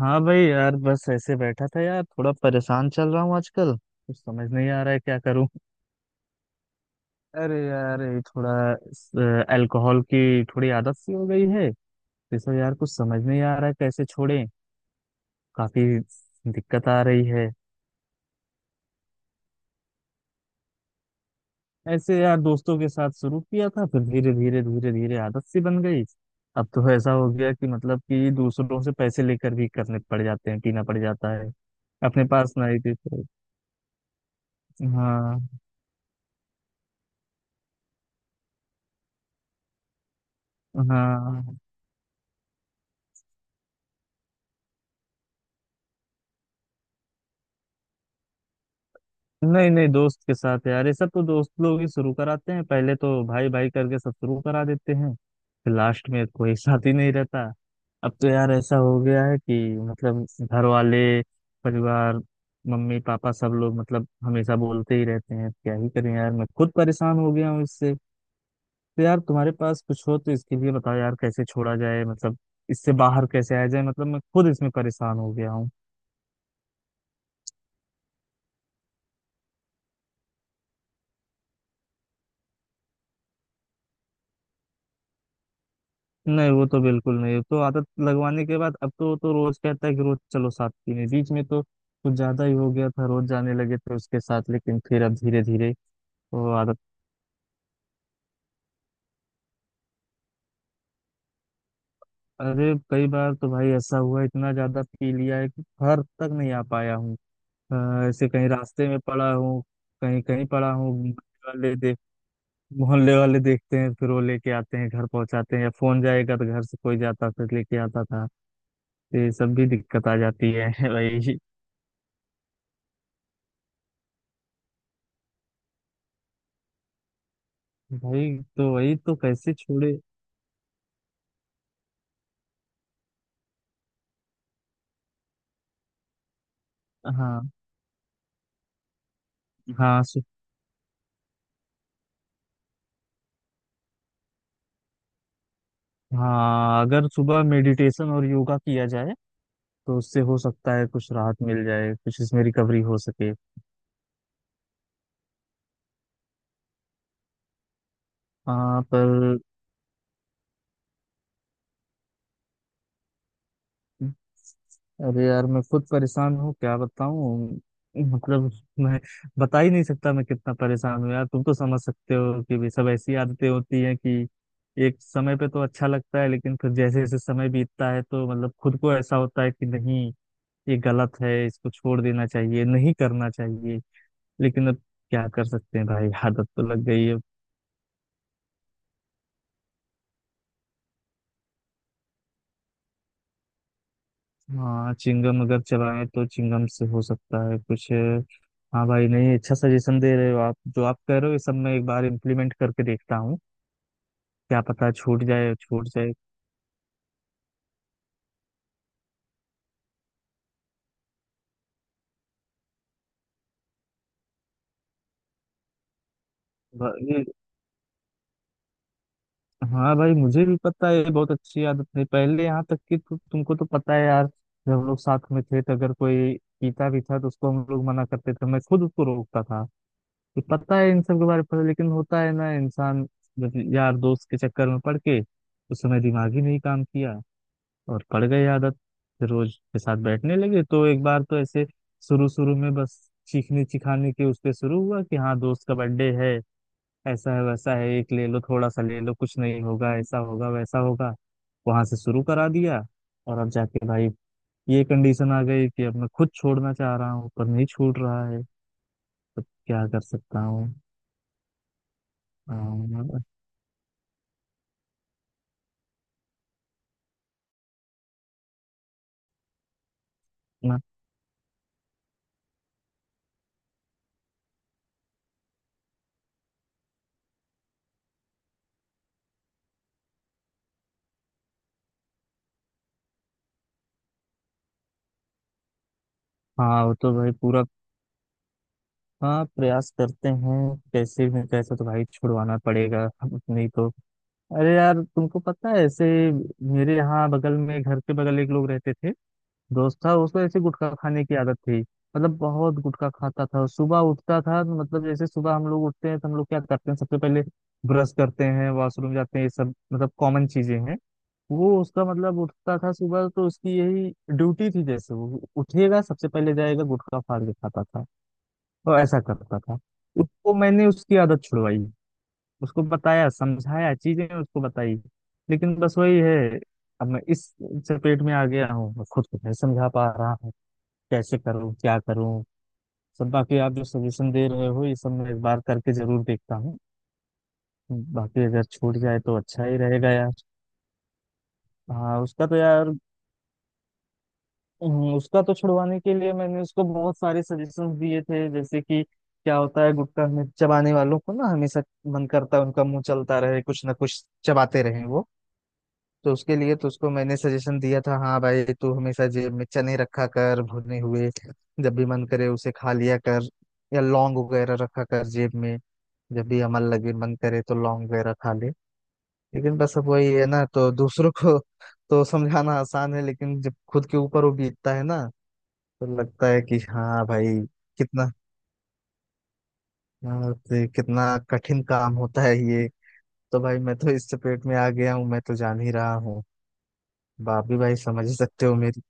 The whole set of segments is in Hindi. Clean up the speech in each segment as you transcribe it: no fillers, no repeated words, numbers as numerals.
हाँ भाई यार, बस ऐसे बैठा था यार। थोड़ा परेशान चल रहा हूँ आजकल। कुछ समझ नहीं आ रहा है क्या करूँ। अरे यार ये थोड़ा अल्कोहल की थोड़ी आदत सी हो गई है। इसमें यार कुछ समझ नहीं आ रहा है कैसे छोड़ें। काफी दिक्कत आ रही है। ऐसे यार दोस्तों के साथ शुरू किया था, फिर धीरे धीरे धीरे धीरे आदत सी बन गई। अब तो ऐसा हो गया कि मतलब कि दूसरों से पैसे लेकर भी करने पड़ जाते हैं, पीना पड़ जाता है, अपने पास नहीं थी तो। हाँ। हाँ, नहीं नहीं, दोस्त के साथ यार। ये सब तो दोस्त लोग ही शुरू कराते हैं। पहले तो भाई भाई करके सब शुरू करा देते हैं, फिर लास्ट में कोई साथ ही नहीं रहता। अब तो यार ऐसा हो गया है कि मतलब घर वाले, परिवार, मम्मी पापा सब लोग मतलब हमेशा बोलते ही रहते हैं। क्या ही करें यार, मैं खुद परेशान हो गया हूँ इससे। तो यार तुम्हारे पास कुछ हो तो इसके लिए बताओ यार कैसे छोड़ा जाए। मतलब इससे बाहर कैसे आया जाए। मतलब मैं खुद इसमें परेशान हो गया हूँ। नहीं, वो तो बिल्कुल नहीं। तो आदत लगवाने के बाद अब तो रोज कहता है कि रोज चलो साथ पीने। बीच में तो कुछ ज्यादा ही हो गया था, रोज जाने लगे थे उसके साथ, लेकिन फिर अब धीरे धीरे वो आदत। अरे कई बार तो भाई ऐसा हुआ, इतना ज्यादा पी लिया है कि घर तक नहीं आ पाया हूँ। अ, ऐसे कहीं रास्ते में पड़ा हूँ, कहीं कहीं पड़ा हूँ। मोहल्ले वाले देख, मोहल्ले वाले देखते हैं, फिर वो लेके आते हैं, घर पहुंचाते हैं। या फोन जाएगा तो घर से कोई जाता, फिर लेके आता था। तो ये सब भी दिक्कत आ जाती है भाई। भाई तो वही तो कैसे छोड़े। हाँ। हाँ सु, हाँ, अगर सुबह मेडिटेशन और योगा किया जाए तो उससे हो सकता है कुछ राहत मिल जाए, कुछ इसमें रिकवरी हो सके। हाँ पर, अरे यार मैं खुद परेशान हूँ, क्या बताऊँ। मतलब मैं बता ही नहीं सकता मैं कितना परेशान हूँ यार। तुम तो समझ सकते हो कि भी सब ऐसी आदतें होती हैं कि एक समय पे तो अच्छा लगता है, लेकिन फिर जैसे जैसे समय बीतता है तो मतलब खुद को ऐसा होता है कि नहीं, ये गलत है, इसको छोड़ देना चाहिए, नहीं करना चाहिए। लेकिन अब क्या कर सकते हैं भाई, आदत तो लग गई है। हाँ, चिंगम अगर चलाएं तो चिंगम से हो सकता है कुछ। हाँ भाई, नहीं, अच्छा सजेशन दे रहे हो आप। जो आप कह रहे हो ये सब मैं एक बार इम्प्लीमेंट करके देखता हूँ। क्या पता छूट जाए, छूट जाए। भाई- हाँ भाई, मुझे भी पता है ये बहुत अच्छी आदत नहीं। पहले यहाँ तक कि तुमको तो पता है यार, जब हम लोग साथ में थे तो अगर कोई पीता भी था तो उसको हम लोग मना करते थे, मैं खुद उसको रोकता था। तो पता है इन सब के बारे में लेकिन होता है ना इंसान मतलब, यार दोस्त के चक्कर में पड़ के उस समय दिमाग ही नहीं काम किया, और पड़ गई आदत। फिर रोज के साथ बैठने लगे तो एक बार तो ऐसे शुरू शुरू में बस चीखने चिखाने के उस पे शुरू हुआ कि हाँ दोस्त का बर्थडे है, ऐसा है वैसा है, एक ले लो, थोड़ा सा ले लो, कुछ नहीं होगा, ऐसा होगा वैसा होगा। वहां से शुरू करा दिया, और अब जाके भाई ये कंडीशन आ गई कि अब मैं खुद छोड़ना चाह रहा हूँ पर नहीं छूट रहा है, तो क्या कर सकता हूँ। हाँ वो तो भाई पूरा, हाँ प्रयास करते हैं। कैसे तो भाई छुड़वाना पड़ेगा, नहीं तो। अरे यार तुमको पता है, ऐसे मेरे यहाँ बगल में, घर के बगल एक लोग रहते थे, दोस्त था। उसको ऐसे गुटखा खाने की आदत थी, मतलब बहुत गुटखा खाता था। सुबह उठता था तो मतलब, जैसे सुबह हम लोग उठते हैं तो हम लोग क्या करते हैं सबसे पहले, ब्रश करते हैं, वॉशरूम जाते हैं, ये सब मतलब कॉमन चीजें हैं। वो उसका मतलब उठता था सुबह, तो उसकी यही ड्यूटी थी, जैसे वो उठेगा सबसे पहले जाएगा गुटखा फाड़ के खाता था। वो ऐसा करता था। उसको मैंने उसकी आदत छुड़वाई, उसको बताया, समझाया, चीजें उसको बताई। लेकिन बस वही है, अब मैं इस चपेट में आ गया हूँ, मैं खुद को नहीं समझा पा रहा हूँ, कैसे करूँ क्या करूँ। सब बाकी आप जो सजेशन दे रहे हो, ये सब मैं एक बार करके जरूर देखता हूँ। बाकी अगर छूट जाए तो अच्छा ही रहेगा यार। हाँ उसका तो यार, उसका तो छुड़वाने के लिए मैंने उसको बहुत सारे सजेशंस दिए थे। जैसे कि क्या होता है, गुटखा में चबाने वालों को ना हमेशा मन करता है उनका मुंह चलता रहे, कुछ ना कुछ चबाते रहे वो। तो उसके लिए तो उसको मैंने सजेशन दिया था, हाँ भाई तू हमेशा जेब में चने रखा कर भुने हुए, जब भी मन करे उसे खा लिया कर। या लौंग वगैरह रखा कर जेब में, जब भी अमल लगे मन करे तो लौंग वगैरह खा ले। लेकिन बस अब वही है ना, तो दूसरों को तो समझाना आसान है, लेकिन जब खुद के ऊपर वो बीतता है ना, तो लगता है कि हाँ भाई कितना, हाँ, तो कितना कठिन काम होता है ये। तो भाई मैं तो इस चपेट में आ गया हूँ, मैं तो जान ही रहा हूँ, बाप भी भाई समझ ही सकते हो मेरी।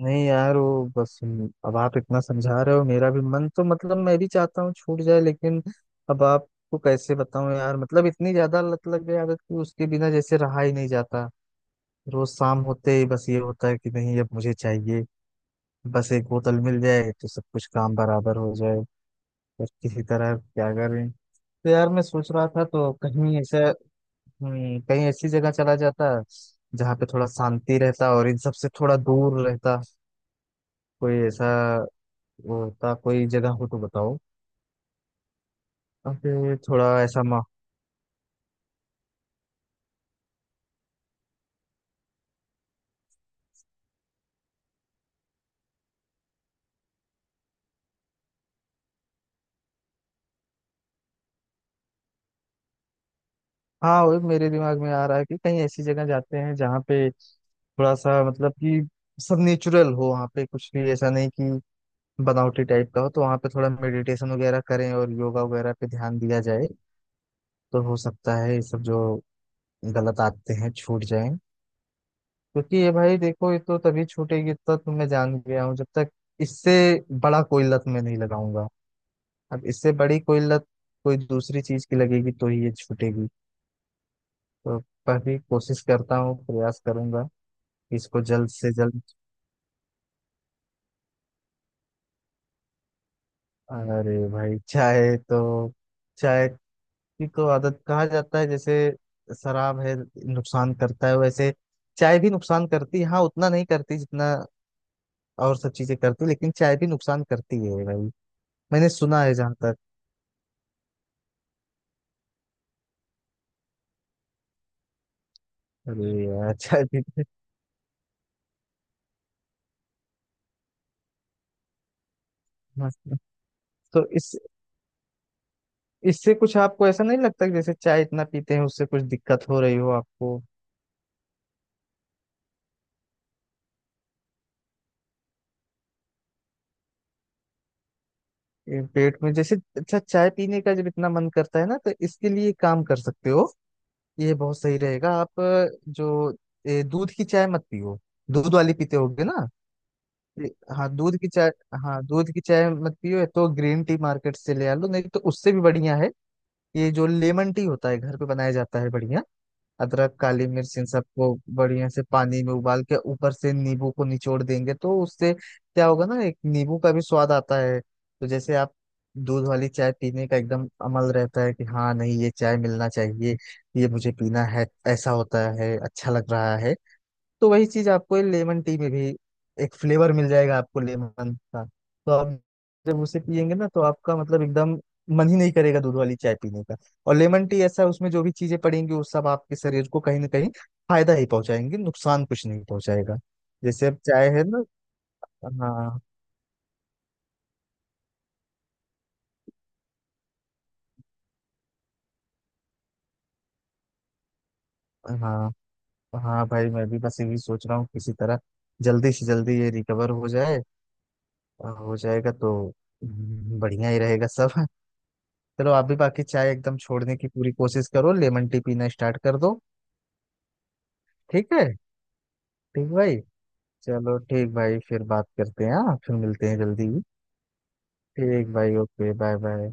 नहीं यार वो बस, अब आप इतना समझा रहे हो, मेरा भी मन तो मतलब मैं भी चाहता हूँ छूट जाए, लेकिन अब आपको कैसे बताऊँ यार, मतलब इतनी ज्यादा लत लग गई आदत कि उसके बिना जैसे रहा ही नहीं जाता। रोज शाम होते ही बस ये होता है कि नहीं, अब मुझे चाहिए, बस एक बोतल मिल जाए तो सब कुछ काम बराबर हो जाए। पर किसी तरह क्या करें। तो यार मैं सोच रहा था तो कहीं ऐसे, कहीं ऐसी जगह चला जाता जहाँ पे थोड़ा शांति रहता और इन सब से थोड़ा दूर रहता। कोई ऐसा वो होता, कोई जगह हो तो बताओ। और फिर थोड़ा ऐसा मा, हाँ वो मेरे दिमाग में आ रहा है कि कहीं ऐसी जगह जाते हैं जहाँ पे थोड़ा सा मतलब कि सब नेचुरल हो, वहाँ पे कुछ भी ऐसा नहीं कि बनावटी टाइप का हो। तो वहाँ पे थोड़ा मेडिटेशन वगैरह करें और योगा वगैरह पे ध्यान दिया जाए तो हो सकता है ये सब जो गलत आते हैं छूट जाएं। क्योंकि ये भाई देखो, ये तो तभी छूटेगी, इतना तो तुम मैं जान गया हूँ, जब तक इससे बड़ा कोई लत मैं नहीं लगाऊंगा। अब इससे बड़ी कोई लत, कोई दूसरी चीज की लगेगी तो ही ये छूटेगी। तो काफी कोशिश करता हूँ, प्रयास करूंगा इसको जल्द से जल्द। अरे भाई चाय तो, चाय की तो आदत कहा जाता है। जैसे शराब है, नुकसान करता है, वैसे चाय भी नुकसान करती है। हाँ उतना नहीं करती जितना और सब चीजें करती, लेकिन चाय भी नुकसान करती है भाई। मैंने सुना है जहां तक। अरे यार, अच्छा ठीक है। मस्त है। तो इस इससे कुछ आपको ऐसा नहीं लगता कि जैसे चाय इतना पीते हैं उससे कुछ दिक्कत हो रही हो आपको? ये पेट में, जैसे अच्छा, चाय पीने का जब इतना मन करता है ना, तो इसके लिए काम कर सकते हो। ये बहुत सही रहेगा। आप जो दूध की चाय मत पियो। दूध वाली पीते होगे ना? ये- हाँ दूध की चाय, हाँ दूध की चाय मत पियो, या तो ग्रीन टी मार्केट से ले आ लो, नहीं तो उससे भी बढ़िया है ये जो लेमन टी होता है घर पे बनाया जाता है, बढ़िया। अदरक काली मिर्च इन सबको बढ़िया से पानी में उबाल के ऊपर से नींबू को निचोड़ देंगे तो उससे क्या होगा ना, एक नींबू का भी स्वाद आता है। तो जैसे आप दूध वाली चाय पीने का एकदम अमल रहता है कि हाँ नहीं, ये चाय मिलना चाहिए, ये मुझे पीना है, ऐसा होता है, अच्छा लग रहा है। तो वही चीज आपको लेमन टी में भी एक फ्लेवर मिल जाएगा, आपको लेमन का। तो आप जब उसे पियेंगे ना, तो आपका मतलब एकदम मन ही नहीं करेगा दूध वाली चाय पीने का। और लेमन टी ऐसा है, उसमें जो भी चीजें पड़ेंगी वो सब आपके शरीर को कहीं ना कहीं फायदा ही पहुंचाएंगे, नुकसान कुछ नहीं पहुंचाएगा। जैसे अब चाय है ना। हाँ। हाँ, हाँ भाई, मैं भी बस यही सोच रहा हूँ किसी तरह जल्दी से जल्दी ये रिकवर हो जाए। और हो जाएगा तो बढ़िया ही रहेगा सब। चलो, आप भी बाकी चाय एकदम छोड़ने की पूरी कोशिश करो, लेमन टी पीना स्टार्ट कर दो। ठीक है। ठीक भाई, चलो ठीक भाई, फिर बात करते हैं, हाँ फिर मिलते हैं जल्दी। ठीक भाई, ओके बाय बाय।